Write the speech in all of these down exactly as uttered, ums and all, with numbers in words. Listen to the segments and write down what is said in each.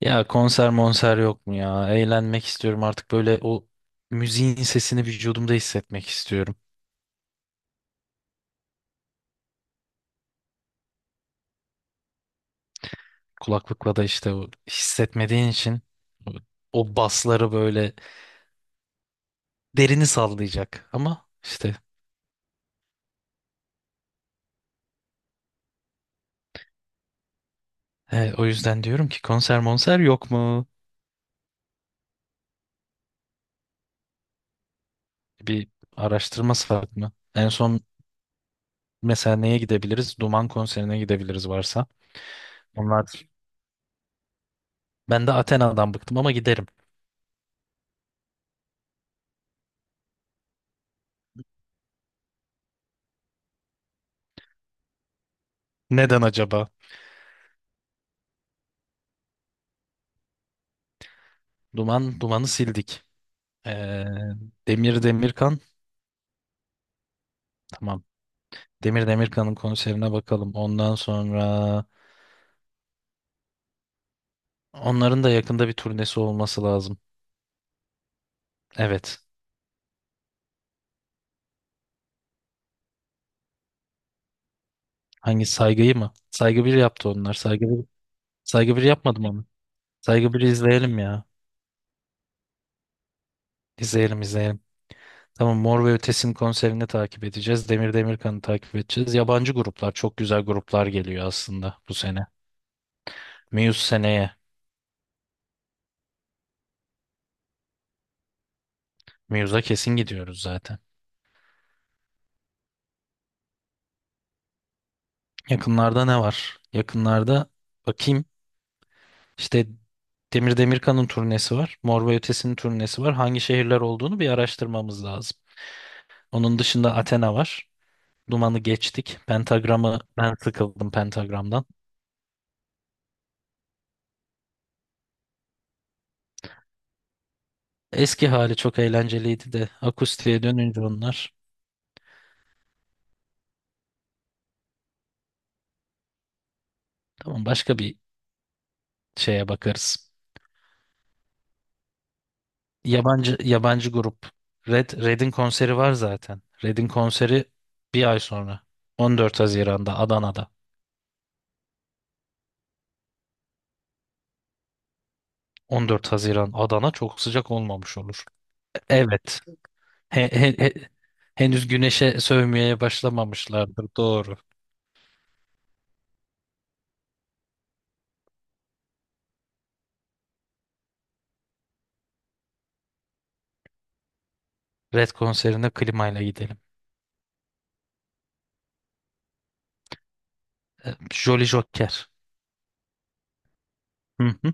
Ya konser monser yok mu ya? Eğlenmek istiyorum artık böyle o müziğin sesini vücudumda hissetmek istiyorum. Kulaklıkla da işte o hissetmediğin için o basları böyle derini sallayacak. Ama işte he, o yüzden diyorum ki konser monser yok mu? Bir araştırması var mı? En son mesela neye gidebiliriz? Duman konserine gidebiliriz varsa. Onlar ben de Athena'dan bıktım ama giderim. Neden acaba? Duman, dumanı sildik. Ee, Demir Demirkan. Tamam. Demir Demirkan'ın konserine bakalım. Ondan sonra onların da yakında bir turnesi olması lazım. Evet. Hangi Saygı'yı mı? Saygı bir yaptı onlar. Saygı bir, Saygı bir yapmadım onu. Saygı biri izleyelim ya. İzleyelim izleyelim. Tamam, Mor ve Ötesi'nin konserini takip edeceğiz. Demir Demirkan'ı takip edeceğiz. Yabancı gruplar çok güzel gruplar geliyor aslında bu sene. Muse seneye. Muse'a kesin gidiyoruz zaten. Yakınlarda ne var? Yakınlarda bakayım. İşte Demir Demirkan'ın turnesi var. Mor ve Ötesi'nin turnesi var. Hangi şehirler olduğunu bir araştırmamız lazım. Onun dışında Athena var. Duman'ı geçtik. Pentagram'ı ben sıkıldım Pentagram'dan. Eski hali çok eğlenceliydi de akustiğe dönünce onlar. Tamam, başka bir şeye bakarız. Yabancı yabancı grup. Red Red'in konseri var zaten. Red'in konseri bir ay sonra. on dört Haziran'da Adana'da. on dört Haziran Adana çok sıcak olmamış olur. Evet. He- he- he- henüz güneşe sövmeye başlamamışlardır. Doğru. Red konserine klimayla gidelim. E, Jolly Joker. Hı hı.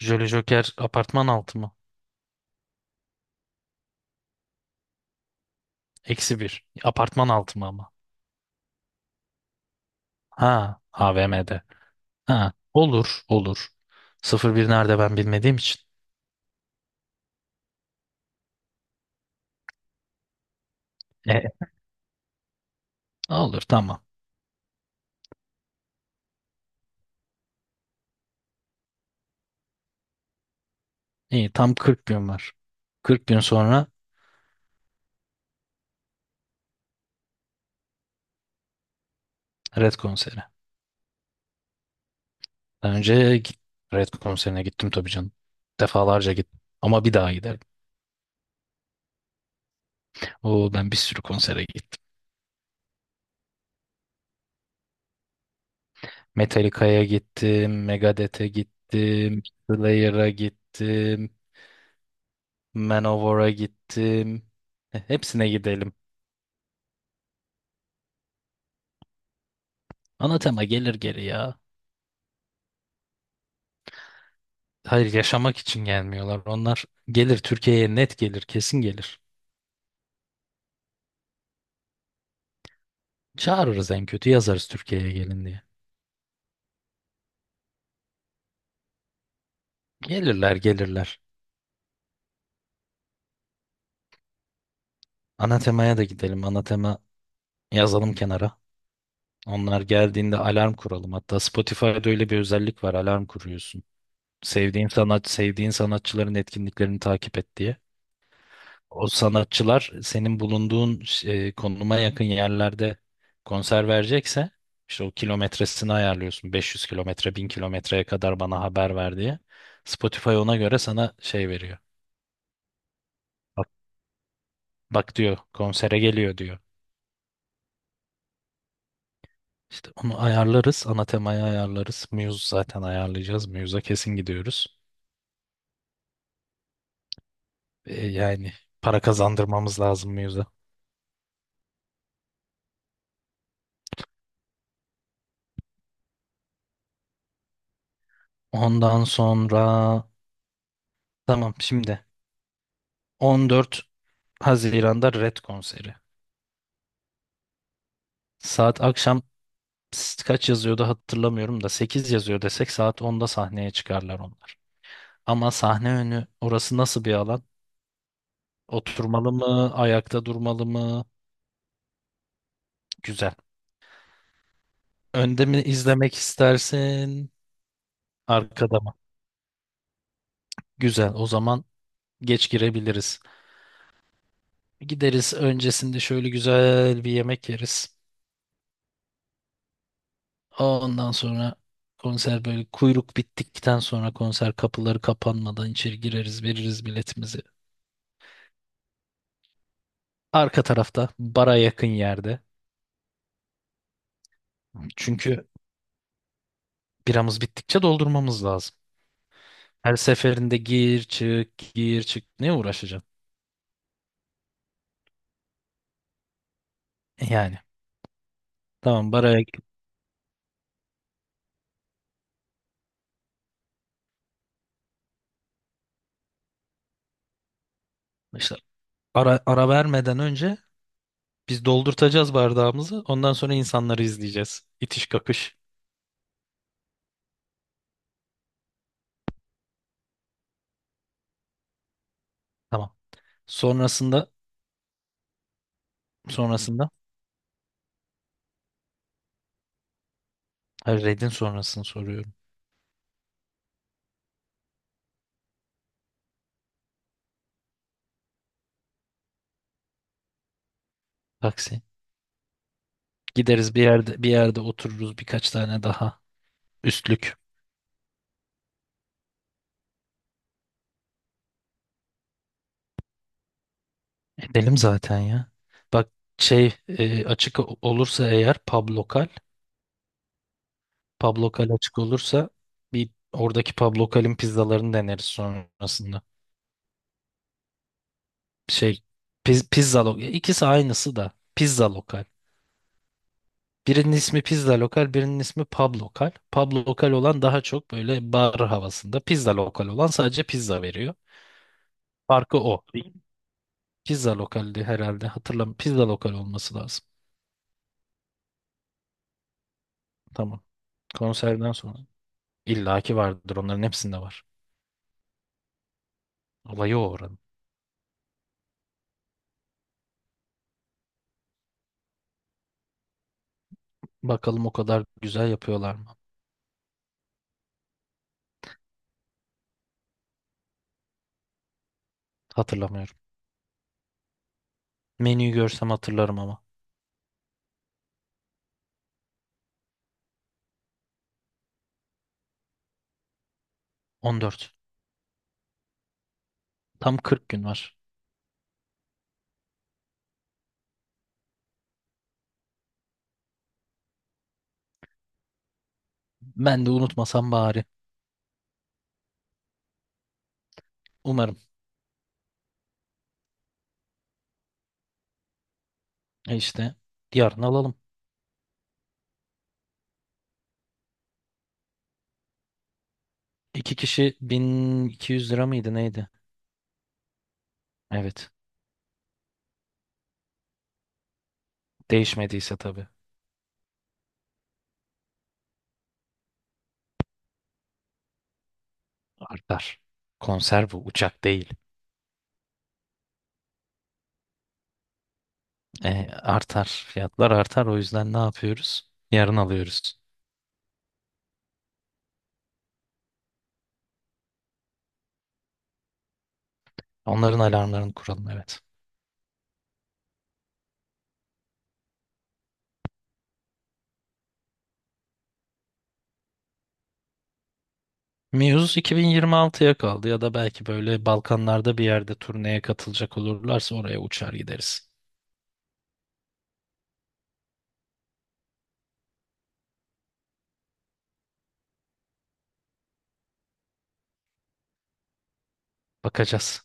Jolly Joker apartman altı mı? Eksi bir. Apartman altı mı ama? Ha, A V M'de. Ha, olur, olur. Sıfır bir nerede ben bilmediğim için. E, olur, tamam. İyi, tam kırk gün var. kırk gün sonra Red konseri. Daha önce git, Red konserine gittim tabii canım. Defalarca gittim. Ama bir daha giderim. Oo, ben bir sürü konsere gittim. Metallica'ya gittim, Megadeth'e gittim, Slayer'a gittim, Manowar'a gittim. Heh, hepsine gidelim. Anatema gelir geri ya. Hayır, yaşamak için gelmiyorlar. Onlar gelir Türkiye'ye, net gelir, kesin gelir. Çağırırız en kötü, yazarız Türkiye'ye gelin diye. Gelirler gelirler. Anatema'ya da gidelim. Anatema yazalım kenara. Onlar geldiğinde alarm kuralım. Hatta Spotify'da öyle bir özellik var. Alarm kuruyorsun. Sevdiğin sanat, sevdiğin sanatçıların etkinliklerini takip et diye. O sanatçılar senin bulunduğun e, konuma yakın yerlerde konser verecekse işte o kilometresini ayarlıyorsun. beş yüz kilometre, bin kilometreye kadar bana haber ver diye. Spotify ona göre sana şey veriyor. Bak, bak diyor konsere geliyor diyor. İşte onu ayarlarız. Ana temayı ayarlarız. Muse zaten ayarlayacağız. Muse'a kesin gidiyoruz. E, yani para kazandırmamız lazım Muse'a. Ondan sonra tamam şimdi on dört Haziran'da Red konseri. Saat akşam s- kaç yazıyordu hatırlamıyorum da sekiz yazıyor desek saat onda sahneye çıkarlar onlar. Ama sahne önü orası nasıl bir alan? Oturmalı mı? Ayakta durmalı mı? Güzel. Önde mi izlemek istersin? Arkada mı? Güzel. O zaman geç girebiliriz. Gideriz öncesinde şöyle güzel bir yemek yeriz. Ondan sonra konser böyle kuyruk bittikten sonra konser kapıları kapanmadan içeri gireriz, veririz biletimizi. Arka tarafta bara yakın yerde. Çünkü biramız bittikçe doldurmamız lazım. Her seferinde gir çık gir çık ne uğraşacaksın? Yani tamam baraya işte ara, ara vermeden önce biz doldurtacağız bardağımızı. Ondan sonra insanları izleyeceğiz. İtiş kakış. Tamam. Sonrasında sonrasında hayır, Red'in sonrasını soruyorum. Taksi. Gideriz bir yerde bir yerde otururuz birkaç tane daha üstlük. Edelim zaten ya. Bak şey e, açık o- olursa eğer pub lokal, pub lokal açık olursa bir oradaki pub lokalin pizzalarını deneriz sonrasında. Şey piz, pizza lokal ikisi aynısı da pizza lokal. Birinin ismi pizza lokal, birinin ismi pub lokal. Pub lokal olan daha çok böyle bar havasında. Pizza lokal olan sadece pizza veriyor. Farkı o. Pizza lokaldi herhalde. Hatırlam. Pizza lokal olması lazım. Tamam. Konserden sonra. İlla ki vardır. Onların hepsinde var. Olayı o oranın. Bakalım o kadar güzel yapıyorlar mı? Hatırlamıyorum. Menüyü görsem hatırlarım ama. on dört. Tam kırk gün var. Ben de unutmasam bari. Umarım. E işte yarın alalım. İki kişi bin iki yüz lira mıydı neydi? Evet. Değişmediyse tabii. Artar. Konser bu. Uçak değil. E, artar. Fiyatlar artar. O yüzden ne yapıyoruz? Yarın alıyoruz. Onların alarmlarını kuralım, evet. Muse iki bin yirmi altıya kaldı ya da belki böyle Balkanlarda bir yerde turneye katılacak olurlarsa oraya uçar gideriz. Bakacağız.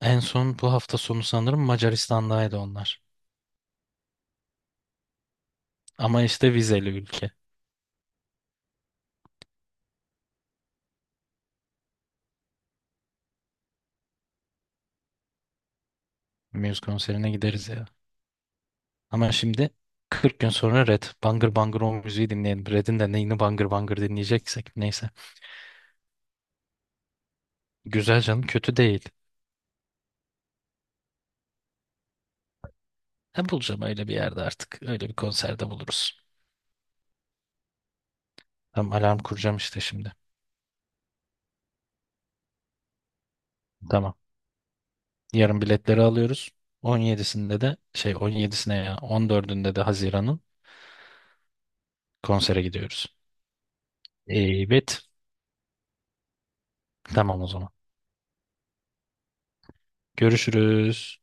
En son bu hafta sonu sanırım Macaristan'daydı onlar. Ama işte vizeli ülke. Muse konserine gideriz ya. Ama şimdi kırk gün sonra Red. Bangır bangır o müziği dinleyelim. Red'in de neyini bangır bangır dinleyeceksek. Neyse. Güzel canım, kötü değil. Ha, bulacağım öyle bir yerde artık. Öyle bir konserde buluruz. Tamam alarm kuracağım işte şimdi. Tamam. Yarın biletleri alıyoruz. on yedisinde de şey, on yedisine ya on dördünde de Haziran'ın konsere gidiyoruz. Evet. Tamam o zaman. Görüşürüz.